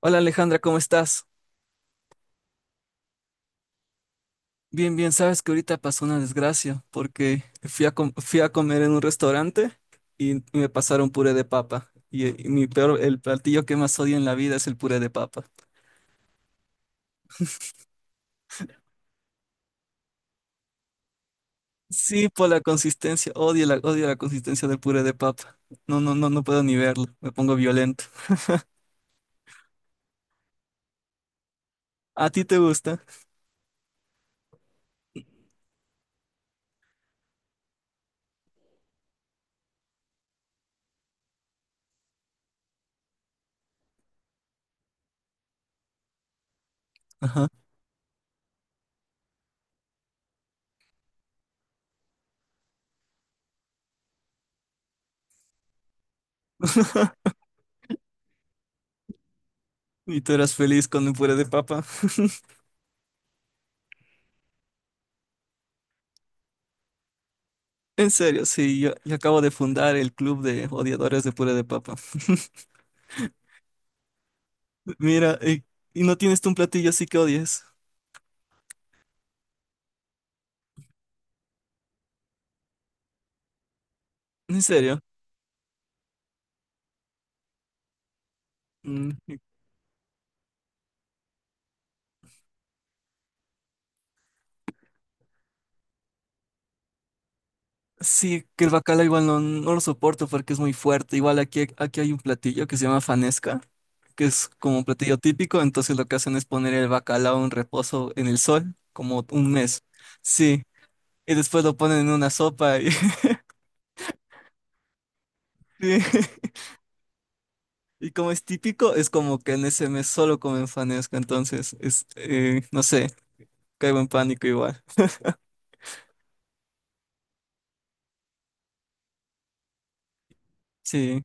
Hola Alejandra, ¿cómo estás? Bien, bien, sabes que ahorita pasó una desgracia porque fui a comer en un restaurante y me pasaron puré de papa. Y mi peor, el platillo que más odio en la vida es el puré de papa. Sí, por la consistencia, odio la consistencia del puré de papa. No, no, no, no puedo ni verlo, me pongo violento. ¿A ti te gusta? Ajá. ¿Y tú eras feliz con el puré de papa? En serio, sí, yo acabo de fundar el club de odiadores de puré de papa. Mira, y no tienes tú un platillo así que odies. ¿En serio? Mm, sí, que el bacala igual no, no lo soporto porque es muy fuerte. Aquí hay un platillo que se llama fanesca, que es como un platillo típico. Entonces lo que hacen es poner el bacalao en reposo en el sol, como un mes. Sí, y después lo ponen en una sopa. Y, sí. Y como es típico, es como que en ese mes solo comen fanesca. Entonces, no sé, caigo en pánico igual. Sí.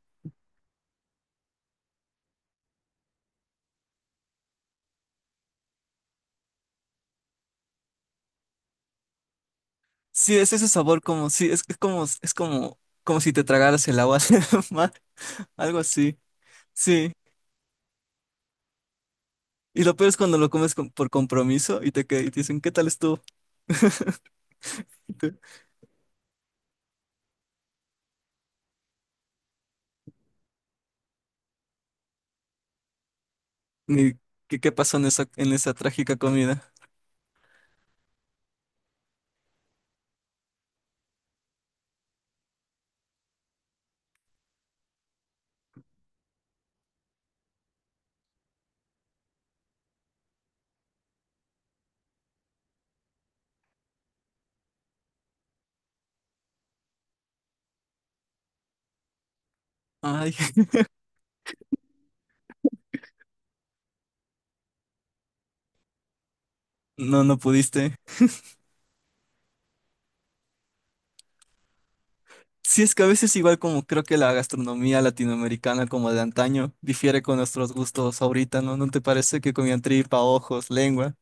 Sí, es ese sabor como es como como si te tragaras el agua del mar, algo así. Sí. Y lo peor es cuando lo por compromiso y te dicen, ¿qué tal estuvo? Y tú, "Ni- qué pasó en en esa trágica comida? Ay, no, no pudiste. Sí, es que a veces igual como creo que la gastronomía latinoamericana como de antaño difiere con nuestros gustos ahorita, ¿no? ¿No te parece que comían tripa, ojos, lengua?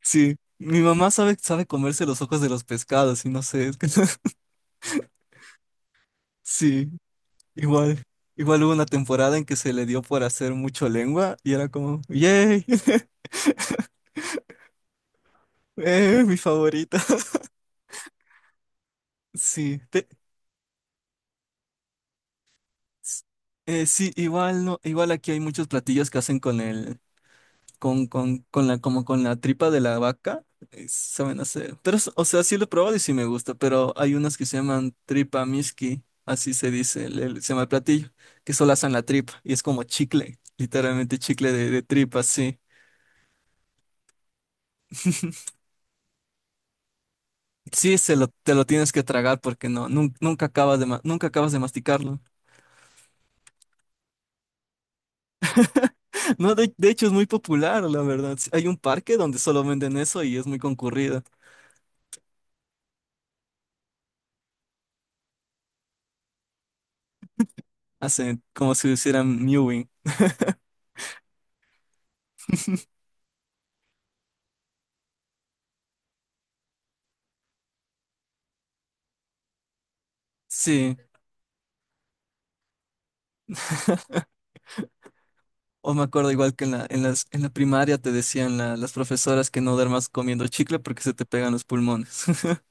Sí. Mi mamá sabe comerse los ojos de los pescados y no sé, es que sí. Igual, igual hubo una temporada en que se le dio por hacer mucho lengua y era como, ¡yay! Mi favorita. Sí, te- s- sí, igual no, igual aquí hay muchos platillos que hacen con la, como con la tripa de la vaca, saben hacer. Pero, sí lo he probado y sí me gusta, pero hay unas que se llaman tripa miski, así se dice, se llama el platillo, que solo hacen la tripa y es como chicle, literalmente chicle de tripa, sí. Sí, te lo tienes que tragar porque no, nunca acabas nunca acabas de masticarlo. No, de hecho es muy popular, la verdad. Sí, hay un parque donde solo venden eso y es muy concurrido. Hacen como si hicieran mewing. Sí, o me acuerdo igual que en la primaria te decían las profesoras que no duermas comiendo chicle porque se te pegan los pulmones.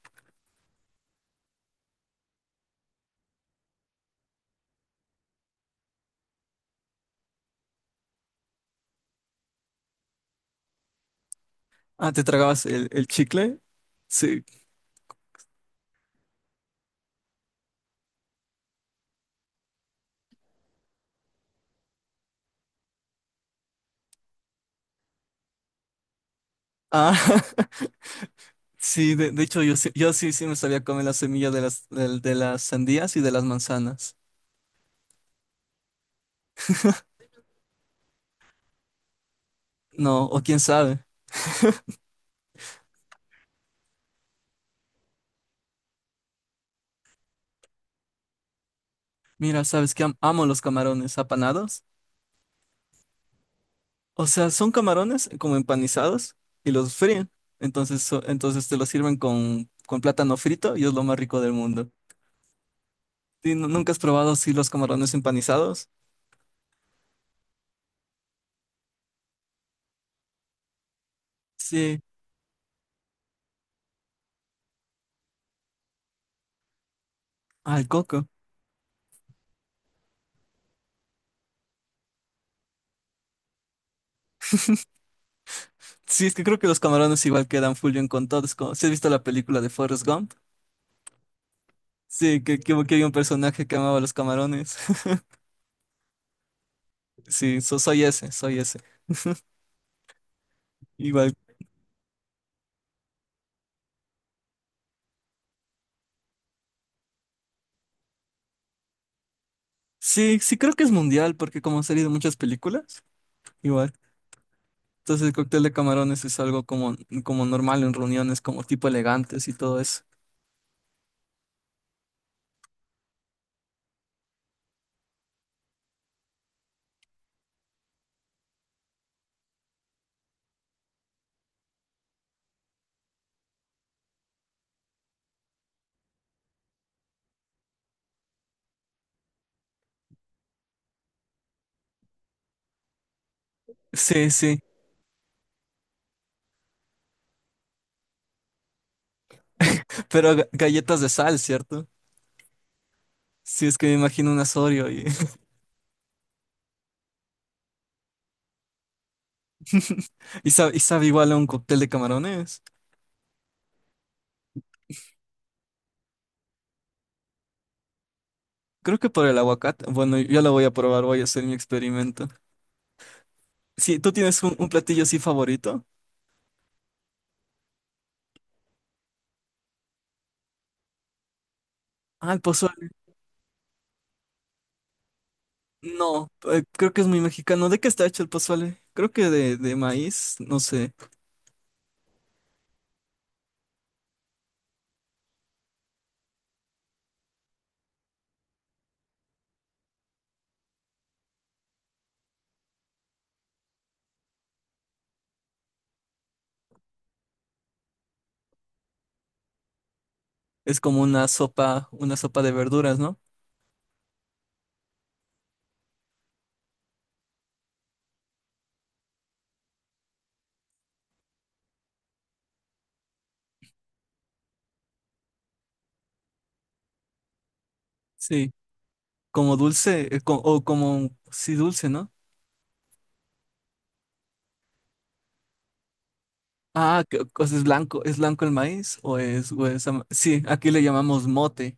Ah, ¿te tragabas el chicle? Sí. Ah, sí, de hecho yo, sí me sabía comer la semilla de de las sandías y de las manzanas. No, o quién sabe. Mira, sabes que amo los camarones apanados. O sea, son camarones como empanizados y los fríen. Entonces te los sirven con plátano frito y es lo más rico del mundo. Sí, ¿nunca has probado sí, los camarones empanizados? Sí, al coco. Sí, es que creo que los camarones igual quedan full bien con todos. ¿Sí has visto la película de Forrest Gump? Sí, que, que había un personaje que amaba los camarones. Sí, soy ese. Igual. Sí, sí creo que es mundial porque como han salido muchas películas. Igual. Entonces el cóctel de camarones es algo como, como normal en reuniones, como tipo elegantes y todo eso. Sí, sí, pero galletas de sal, ¿cierto? Sí, es que me imagino un asorio y, y sabe igual a un cóctel de camarones. Creo que por el aguacate. Bueno, yo la voy a probar, voy a hacer mi experimento. Sí, ¿tú tienes un platillo así favorito? Ah, el pozole. No, creo que es muy mexicano. ¿De qué está hecho el pozole? Creo que de maíz, no sé. Es como una sopa de verduras, ¿no? Sí. Como dulce, sí, dulce, ¿no? Ah, pues ¿es blanco el maíz? ¿O o es ama- Sí, aquí le llamamos mote.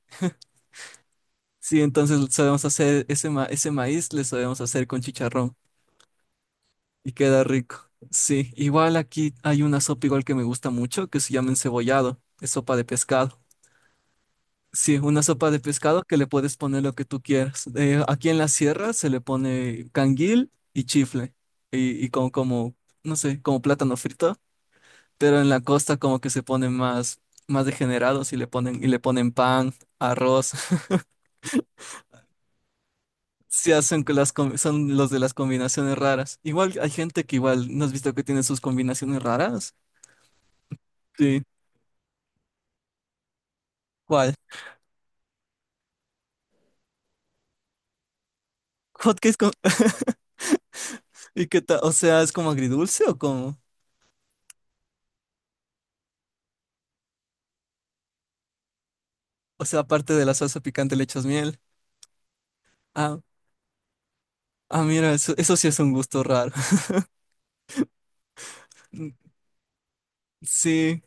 Sí, entonces sabemos hacer ese maíz, le sabemos hacer con chicharrón y queda rico. Sí, igual aquí hay una sopa igual que me gusta mucho que se llama encebollado, es sopa de pescado. Sí, una sopa de pescado que le puedes poner lo que tú quieras. Aquí en la sierra se le pone canguil y chifle y no sé, como plátano frito. Pero en la costa como que se ponen más, más degenerados y le ponen pan, arroz, se hacen que las, son los de las combinaciones raras. Igual hay gente que igual, ¿no has visto que tiene sus combinaciones raras? Sí. ¿Cuál? Hotcakes con... ¿Y qué tal? O sea, ¿es como agridulce o como? O sea, aparte de la salsa picante le echas miel. Ah, ah, mira, eso sí es un gusto raro. Sí,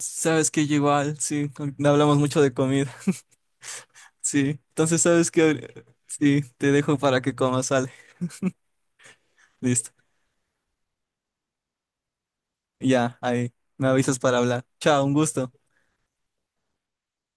sabes que yo igual, sí, hablamos mucho de comida. Sí, entonces sabes que... Sí, te dejo para que comas algo. Listo. Ya, ahí. Me avisas para hablar. Chao, un gusto.